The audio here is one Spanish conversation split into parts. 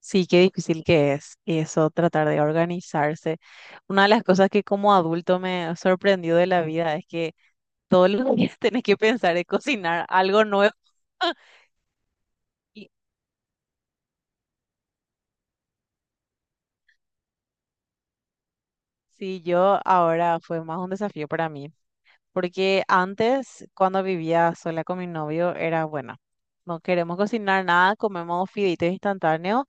Sí, qué difícil que es eso, tratar de organizarse. Una de las cosas que como adulto me sorprendió de la vida es que todos los días tenés que pensar en cocinar algo nuevo. Y sí, yo ahora fue más un desafío para mí, porque antes, cuando vivía sola con mi novio, era bueno, no queremos cocinar nada, comemos fideitos instantáneos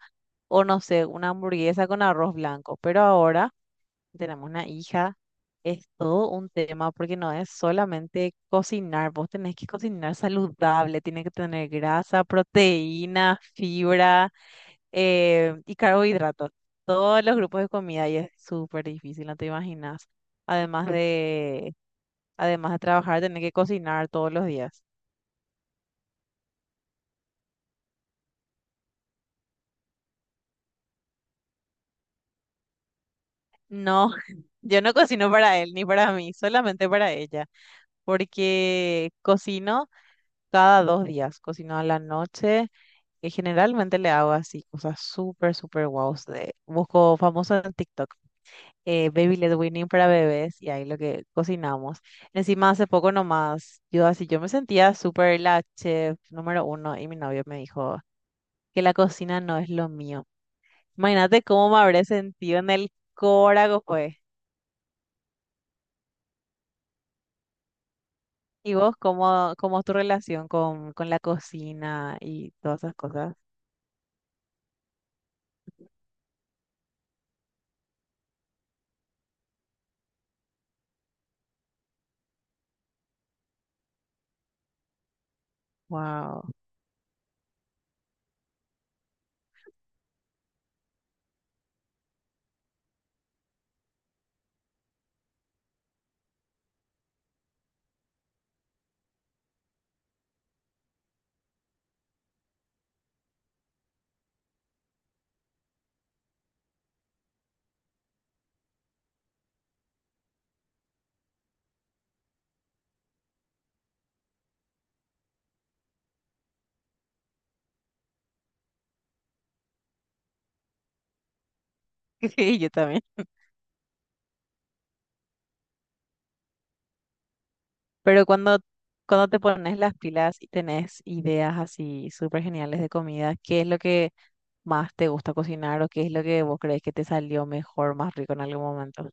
o no sé, una hamburguesa con arroz blanco, pero ahora tenemos una hija, es todo un tema porque no es solamente cocinar, vos tenés que cocinar saludable, tiene que tener grasa, proteína, fibra y carbohidratos, todos los grupos de comida y es súper difícil, no te imaginas. Además de, además de trabajar, tener que cocinar todos los días. No, yo no cocino para él ni para mí, solamente para ella, porque cocino cada 2 días, cocino a la noche que generalmente le hago así cosas súper, súper guaus. Busco famosos en TikTok, Baby Led Winning para bebés y ahí lo que cocinamos. Encima hace poco nomás, yo así, yo me sentía súper la chef número uno y mi novio me dijo que la cocina no es lo mío. Imagínate cómo me habré sentido en el corazón, pues. ¿Y vos cómo, cómo es tu relación con la cocina y todas esas cosas? Wow. Yo también. Pero cuando te pones las pilas y tenés ideas así súper geniales de comida, ¿qué es lo que más te gusta cocinar o qué es lo que vos crees que te salió mejor, más rico en algún momento?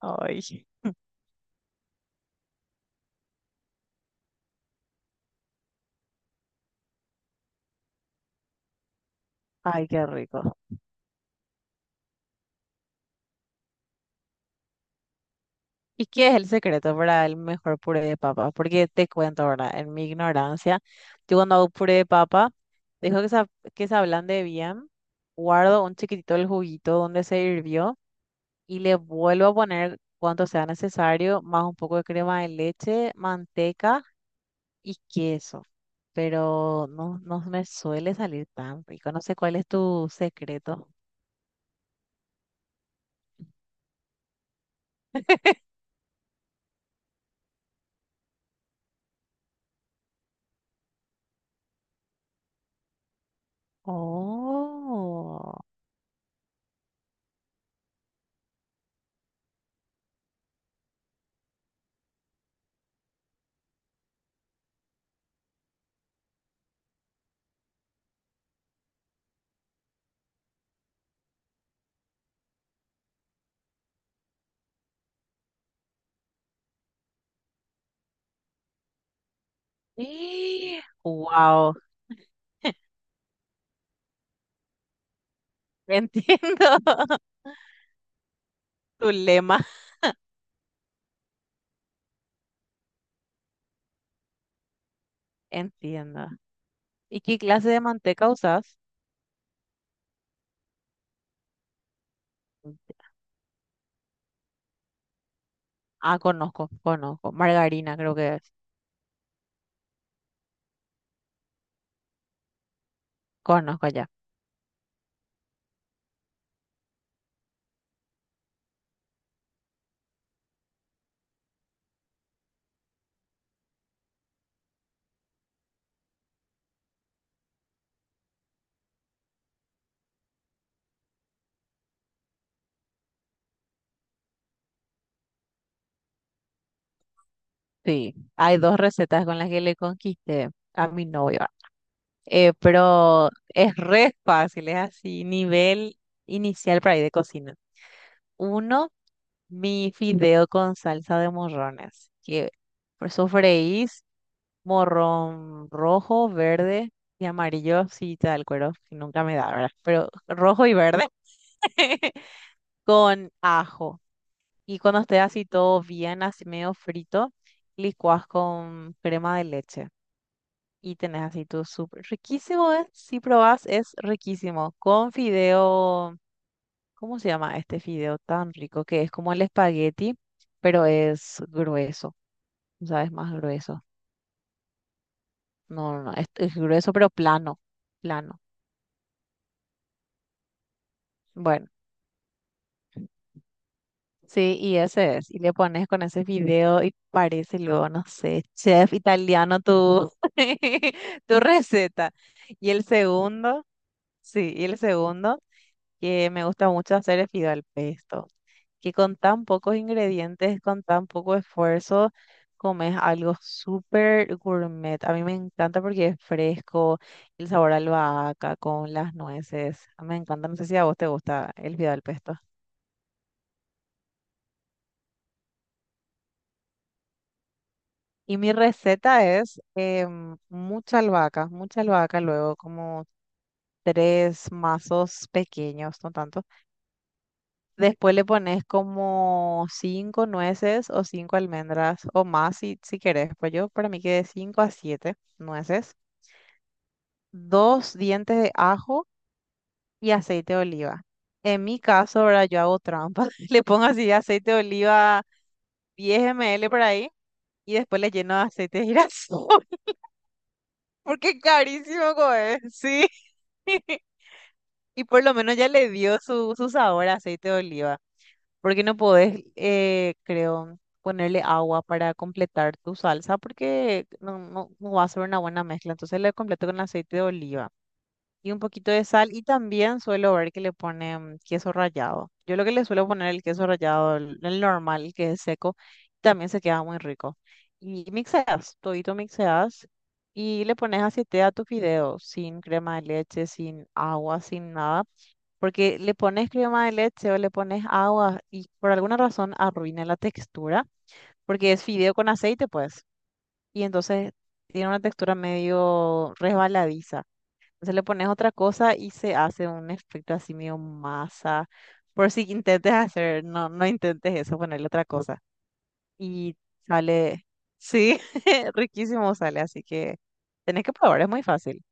Ay, ay, qué rico. ¿Y qué es el secreto para el mejor puré de papa? Porque te cuento ahora, en mi ignorancia, yo cuando hago puré de papa, dejo que se ablande bien, guardo un chiquitito el juguito donde se hirvió y le vuelvo a poner cuanto sea necesario, más un poco de crema de leche, manteca y queso. Pero no, no me suele salir tan rico. No sé cuál es tu secreto. Oh. Wow. Entiendo. Tu lema. Entiendo. ¿Y qué clase de manteca usas? Ah, conozco, conozco. Margarina creo que es. Conozco ya. Sí. Hay dos recetas con las que le conquisté a mi novio. Pero es re fácil, es así, nivel inicial para ir de cocina. Uno, mi fideo con salsa de morrones, que sofreís morrón rojo, verde y amarillo, si te da el cuero, que nunca me da, ¿verdad? Pero rojo y verde con ajo. Y cuando esté así todo bien, así medio frito, licuás con crema de leche. Y tenés así tu súper riquísimo, ¿eh? Si probás, es riquísimo. Con fideo, ¿cómo se llama este fideo tan rico? Que es como el espagueti, pero es grueso. O sea, es más grueso. No, no, no, es grueso, pero plano, plano. Bueno, sí, y ese es. Y le pones con ese fideo y parece luego, no sé, chef italiano tu, tu receta. Y el segundo, sí, y el segundo que me gusta mucho hacer es fideo al pesto, que con tan pocos ingredientes, con tan poco esfuerzo, comes algo súper gourmet. A mí me encanta porque es fresco, el sabor a albahaca con las nueces. Me encanta, no sé si a vos te gusta el fideo al pesto. Y mi receta es mucha albahaca, luego como tres mazos pequeños, no tanto. Después le pones como cinco nueces o cinco almendras o más si querés. Pues yo para mí que de cinco a siete nueces, dos dientes de ajo y aceite de oliva. En mi caso, ahora yo hago trampa. Le pongo así aceite de oliva 10 ml por ahí y después le lleno de aceite de girasol porque carísimo, coe. Sí. Y por lo menos ya le dio su sabor a aceite de oliva. Porque no podés, creo, ponerle agua para completar tu salsa porque no, no, no va a ser una buena mezcla. Entonces le completo con aceite de oliva y un poquito de sal y también suelo ver que le ponen queso rallado. Yo lo que le suelo poner el queso rallado, el normal, el que es seco, también se queda muy rico. Y mixeas, todito mixeas. Y le pones aceite a tu fideo, sin crema de leche, sin agua, sin nada porque le pones crema de leche o le pones agua y por alguna razón arruina la textura, porque es fideo con aceite, pues, y entonces tiene una textura medio resbaladiza. Entonces le pones otra cosa y se hace un efecto así medio masa. Por si intentes hacer, no, no intentes eso, ponerle otra cosa. Y sale, sí, riquísimo sale, así que tenés que probar, es muy fácil.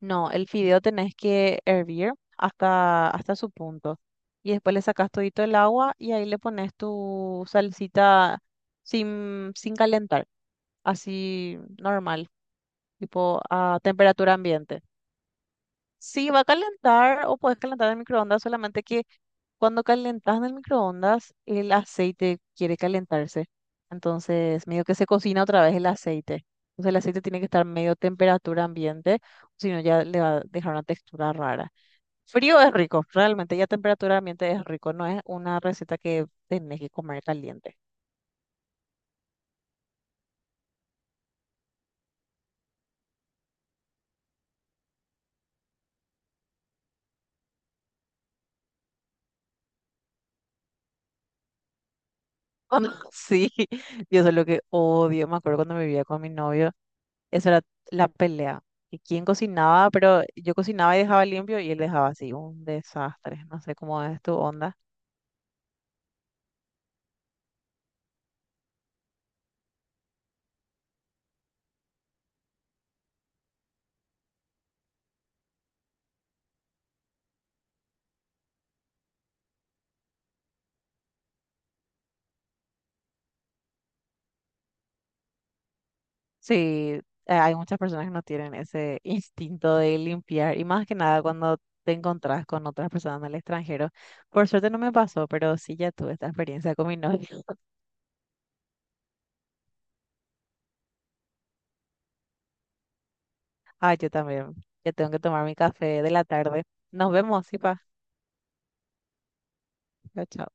No, el fideo tenés que hervir hasta su punto. Y después le sacas todito el agua y ahí le pones tu salsita sin calentar, así normal, tipo a temperatura ambiente. Sí, va a calentar o puedes calentar en el microondas, solamente que cuando calentas en el microondas, el aceite quiere calentarse. Entonces, medio que se cocina otra vez el aceite. Entonces, el aceite tiene que estar medio temperatura ambiente, si no ya le va a dejar una textura rara. Frío es rico, realmente ya temperatura ambiente es rico, no es una receta que tenés que comer caliente. Sí, yo eso es lo que odio. Me acuerdo cuando me vivía con mi novio, esa era la pelea. Y quién cocinaba, pero yo cocinaba y dejaba limpio y él dejaba así, un desastre. No sé cómo es tu onda. Sí, hay muchas personas que no tienen ese instinto de limpiar y más que nada cuando te encontrás con otras personas del extranjero. Por suerte no me pasó, pero sí ya tuve esta experiencia con mi novio. Ah, yo también. Ya tengo que tomar mi café de la tarde. Nos vemos, sí, pa. Chao, chao.